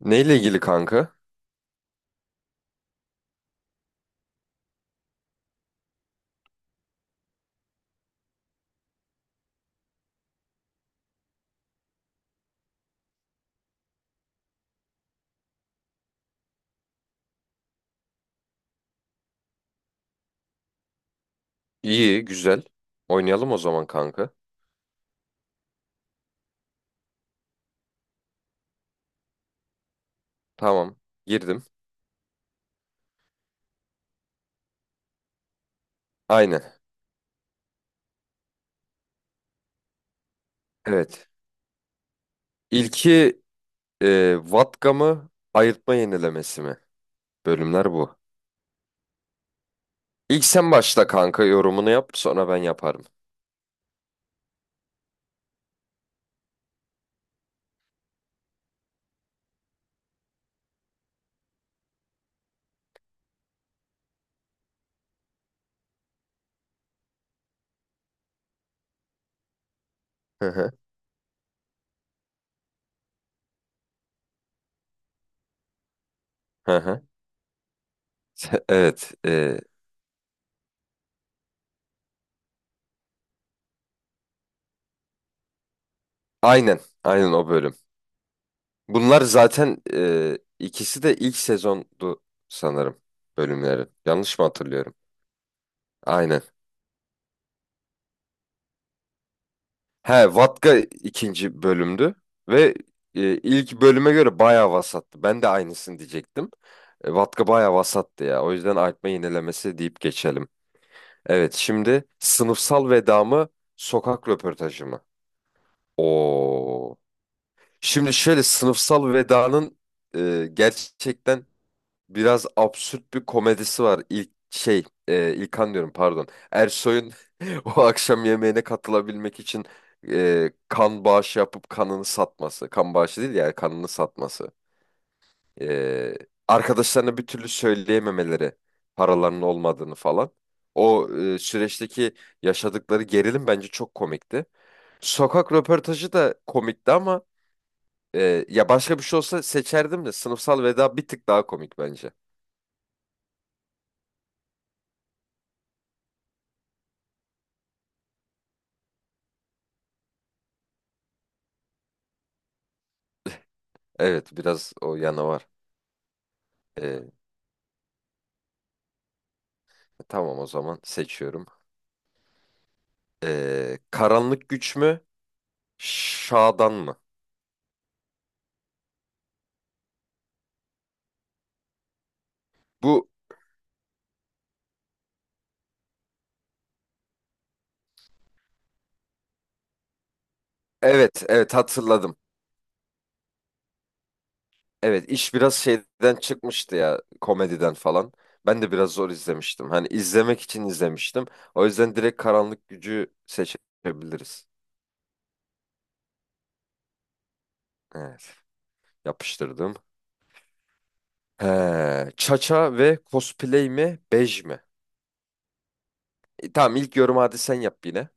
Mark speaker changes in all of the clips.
Speaker 1: Neyle ilgili kanka? İyi, güzel. Oynayalım o zaman kanka. Tamam, girdim. Aynen. Evet. İlki Vatka mı, ayırtma yenilemesi mi? Bölümler bu. İlk sen başla kanka yorumunu yap, sonra ben yaparım. Hı hı. Hı hı. Evet. Aynen. Aynen o bölüm. Bunlar zaten ikisi de ilk sezondu sanırım bölümleri. Yanlış mı hatırlıyorum? Aynen. He, Vatka ikinci bölümdü ve ilk bölüme göre bayağı vasattı. Ben de aynısını diyecektim. Vatka bayağı vasattı ya. O yüzden artma yinelemesi deyip geçelim. Evet, şimdi sınıfsal veda mı, sokak röportajı mı? Oo. Şimdi şöyle sınıfsal vedanın gerçekten biraz absürt bir komedisi var. İlk şey, İlkan diyorum pardon. Ersoy'un o akşam yemeğine katılabilmek için kan bağışı yapıp kanını satması. Kan bağışı değil yani kanını satması. E, Arkadaşlarına bir türlü söyleyememeleri, paralarının olmadığını falan. O süreçteki yaşadıkları gerilim bence çok komikti. Sokak röportajı da komikti ama ya başka bir şey olsa seçerdim de sınıfsal veda bir tık daha komik bence. Evet biraz o yana var. Ee, tamam o zaman seçiyorum. Karanlık güç mü? Şadan mı? Bu evet evet hatırladım. Evet iş biraz şeyden çıkmıştı ya komediden falan. Ben de biraz zor izlemiştim. Hani izlemek için izlemiştim. O yüzden direkt karanlık gücü seçebiliriz. Evet yapıştırdım. He, Çaça ve cosplay mi? Bej mi? Tamam ilk yorum hadi sen yap yine.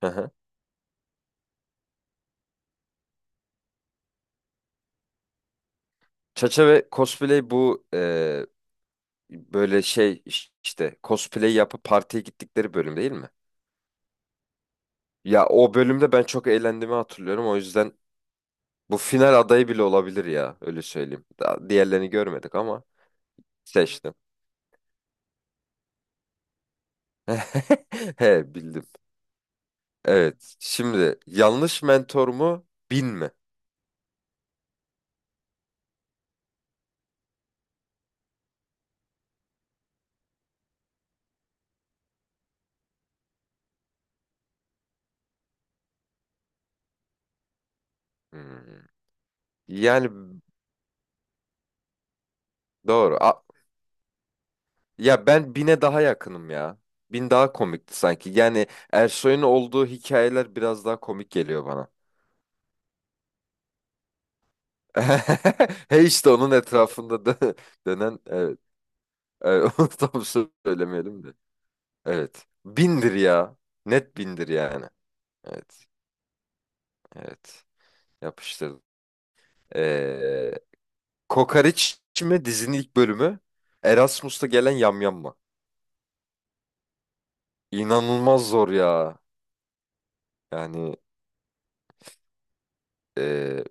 Speaker 1: Hı hı. Çaça ve cosplay bu böyle şey işte cosplay yapıp partiye gittikleri bölüm değil mi? Ya o bölümde ben çok eğlendiğimi hatırlıyorum. O yüzden bu final adayı bile olabilir ya öyle söyleyeyim. Daha diğerlerini görmedik ama seçtim. He bildim. Evet. Şimdi yanlış mentor mu bin mi? Hmm. Yani doğru. Ya ben bine daha yakınım ya. Bin daha komikti sanki. Yani Ersoy'un olduğu hikayeler biraz daha komik geliyor bana. He işte onun etrafında dönen evet. Evet, onu tam söylemeyelim de. Evet. Bindir ya. Net bindir yani. Evet. Evet. Yapıştırdım. Ee, Kokoreç mi dizinin ilk bölümü? Erasmus'ta gelen yamyam mı? İnanılmaz zor ya. Yani e,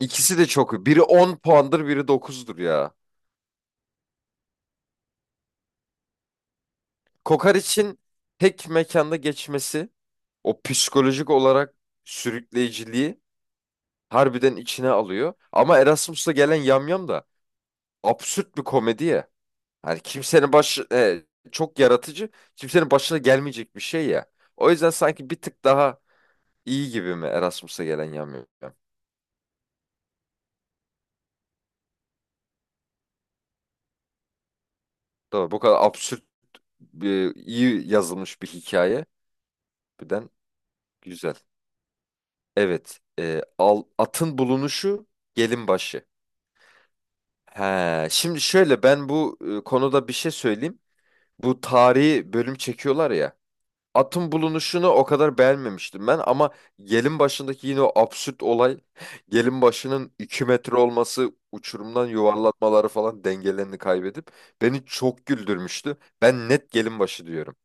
Speaker 1: ikisi de çok. Biri 10 puandır, biri dokuzdur ya. Kokoreç'in tek mekanda geçmesi, o psikolojik olarak sürükleyiciliği harbiden içine alıyor. Ama Erasmus'la gelen Yamyam da absürt bir komedi ya. Hani kimsenin başı çok yaratıcı, kimsenin başına gelmeyecek bir şey ya. O yüzden sanki bir tık daha iyi gibi mi Erasmus'la gelen Yamyam? Doğru. Bu kadar absürt bir, iyi yazılmış bir hikaye. Birden güzel. Evet. Atın bulunuşu gelin başı. He, şimdi şöyle ben bu konuda bir şey söyleyeyim. Bu tarihi bölüm çekiyorlar ya. Atın bulunuşunu o kadar beğenmemiştim ben ama gelin başındaki yine o absürt olay, gelin başının 2 metre olması, uçurumdan yuvarlatmaları falan dengelerini kaybedip beni çok güldürmüştü. Ben net gelin başı diyorum.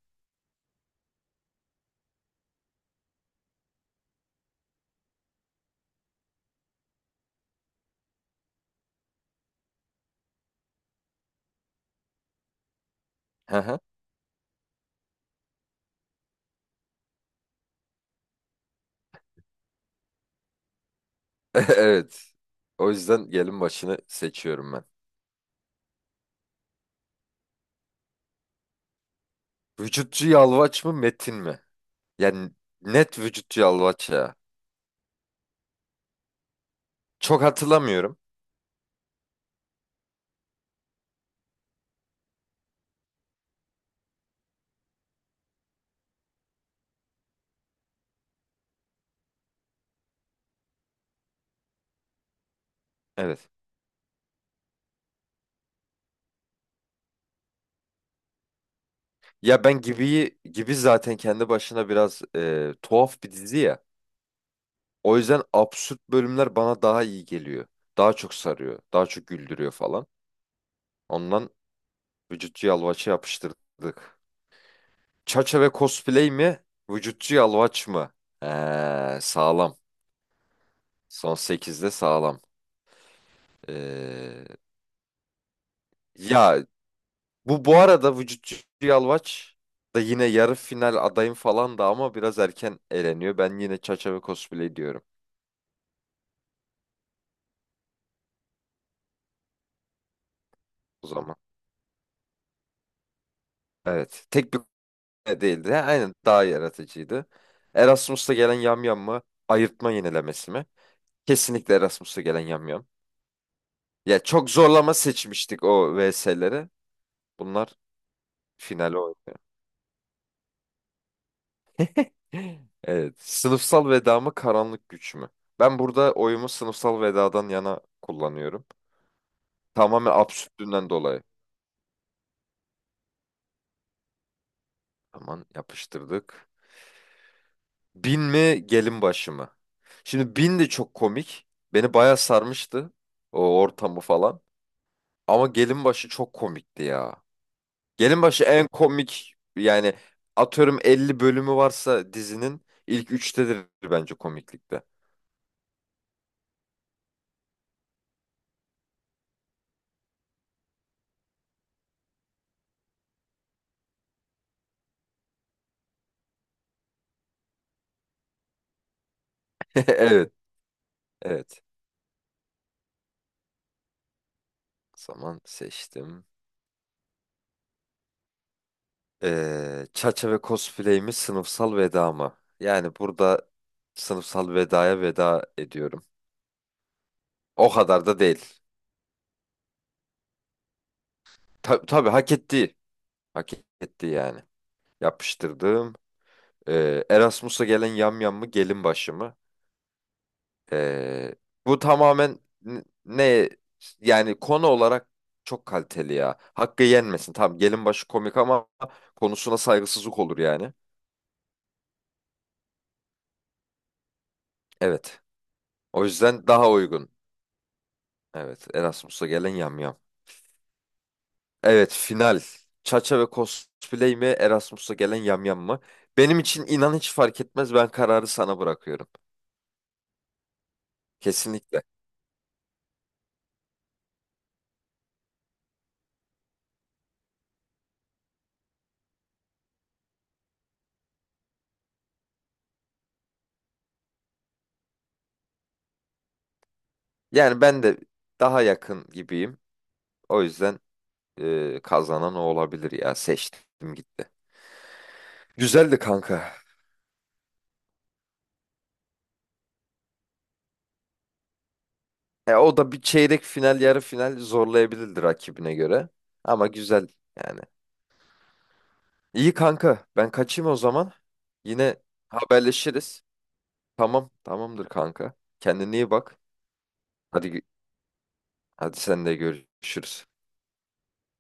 Speaker 1: Hı hı. Evet. O yüzden gelin başını seçiyorum ben. Vücutçu Yalvaç mı Metin mi? Yani net vücutçu Yalvaç ya. Çok hatırlamıyorum. Evet. Ya ben Gibi'yi, Gibi zaten kendi başına biraz tuhaf bir dizi ya. O yüzden absürt bölümler bana daha iyi geliyor. Daha çok sarıyor. Daha çok güldürüyor falan. Ondan vücutçu yalvaçı yapıştırdık. Çaça ve cosplay mi? Vücutçu yalvaç mı? Sağlam. Son sekizde sağlam. Ee, Ya bu arada vücutçu yalvaç da yine yarı final adayım falan da ama biraz erken eleniyor. Ben yine çaça ve cosplay diyorum o zaman. Evet. Tek bir değildi. Ha, aynen daha yaratıcıydı. Erasmus'ta gelen yamyam mı? Ayırtma yenilemesi mi? Kesinlikle Erasmus'ta gelen yamyam. Ya çok zorlama seçmiştik o VS'leri. Bunlar finale oynuyor. Evet. Sınıfsal veda mı karanlık güç mü? Ben burada oyumu sınıfsal vedadan yana kullanıyorum. Tamamen absürtlüğünden dolayı. Aman yapıştırdık. Bin mi gelin başı mı? Şimdi bin de çok komik. Beni bayağı sarmıştı. O ortamı falan. Ama Gelinbaşı çok komikti ya. Gelinbaşı en komik yani atıyorum 50 bölümü varsa dizinin ilk 3'tedir bence komiklikte. Evet, evet. O zaman seçtim. Çaça ve cosplay mi sınıfsal veda mı? Yani burada sınıfsal vedaya veda ediyorum. O kadar da değil. Tabii hak etti. Hak etti yani. Yapıştırdım. Erasmus'a gelen yamyam mı gelin başı mı? Ee, Bu tamamen ne yani konu olarak çok kaliteli ya. Hakkı yenmesin. Tamam gelin başı komik ama konusuna saygısızlık olur yani. Evet. O yüzden daha uygun. Evet. Erasmus'a gelen yamyam. Evet final. Çaça ve cosplay mi Erasmus'a gelen yamyam mı? Benim için inan hiç fark etmez. Ben kararı sana bırakıyorum. Kesinlikle. Yani ben de daha yakın gibiyim. O yüzden kazanan o olabilir ya. Seçtim gitti. Güzeldi kanka. E, o da bir çeyrek final, yarı final zorlayabilirdi rakibine göre. Ama güzel yani. İyi kanka. Ben kaçayım o zaman. Yine haberleşiriz. Tamam, tamamdır kanka. Kendine iyi bak. Hadi hadi sen de görüşürüz.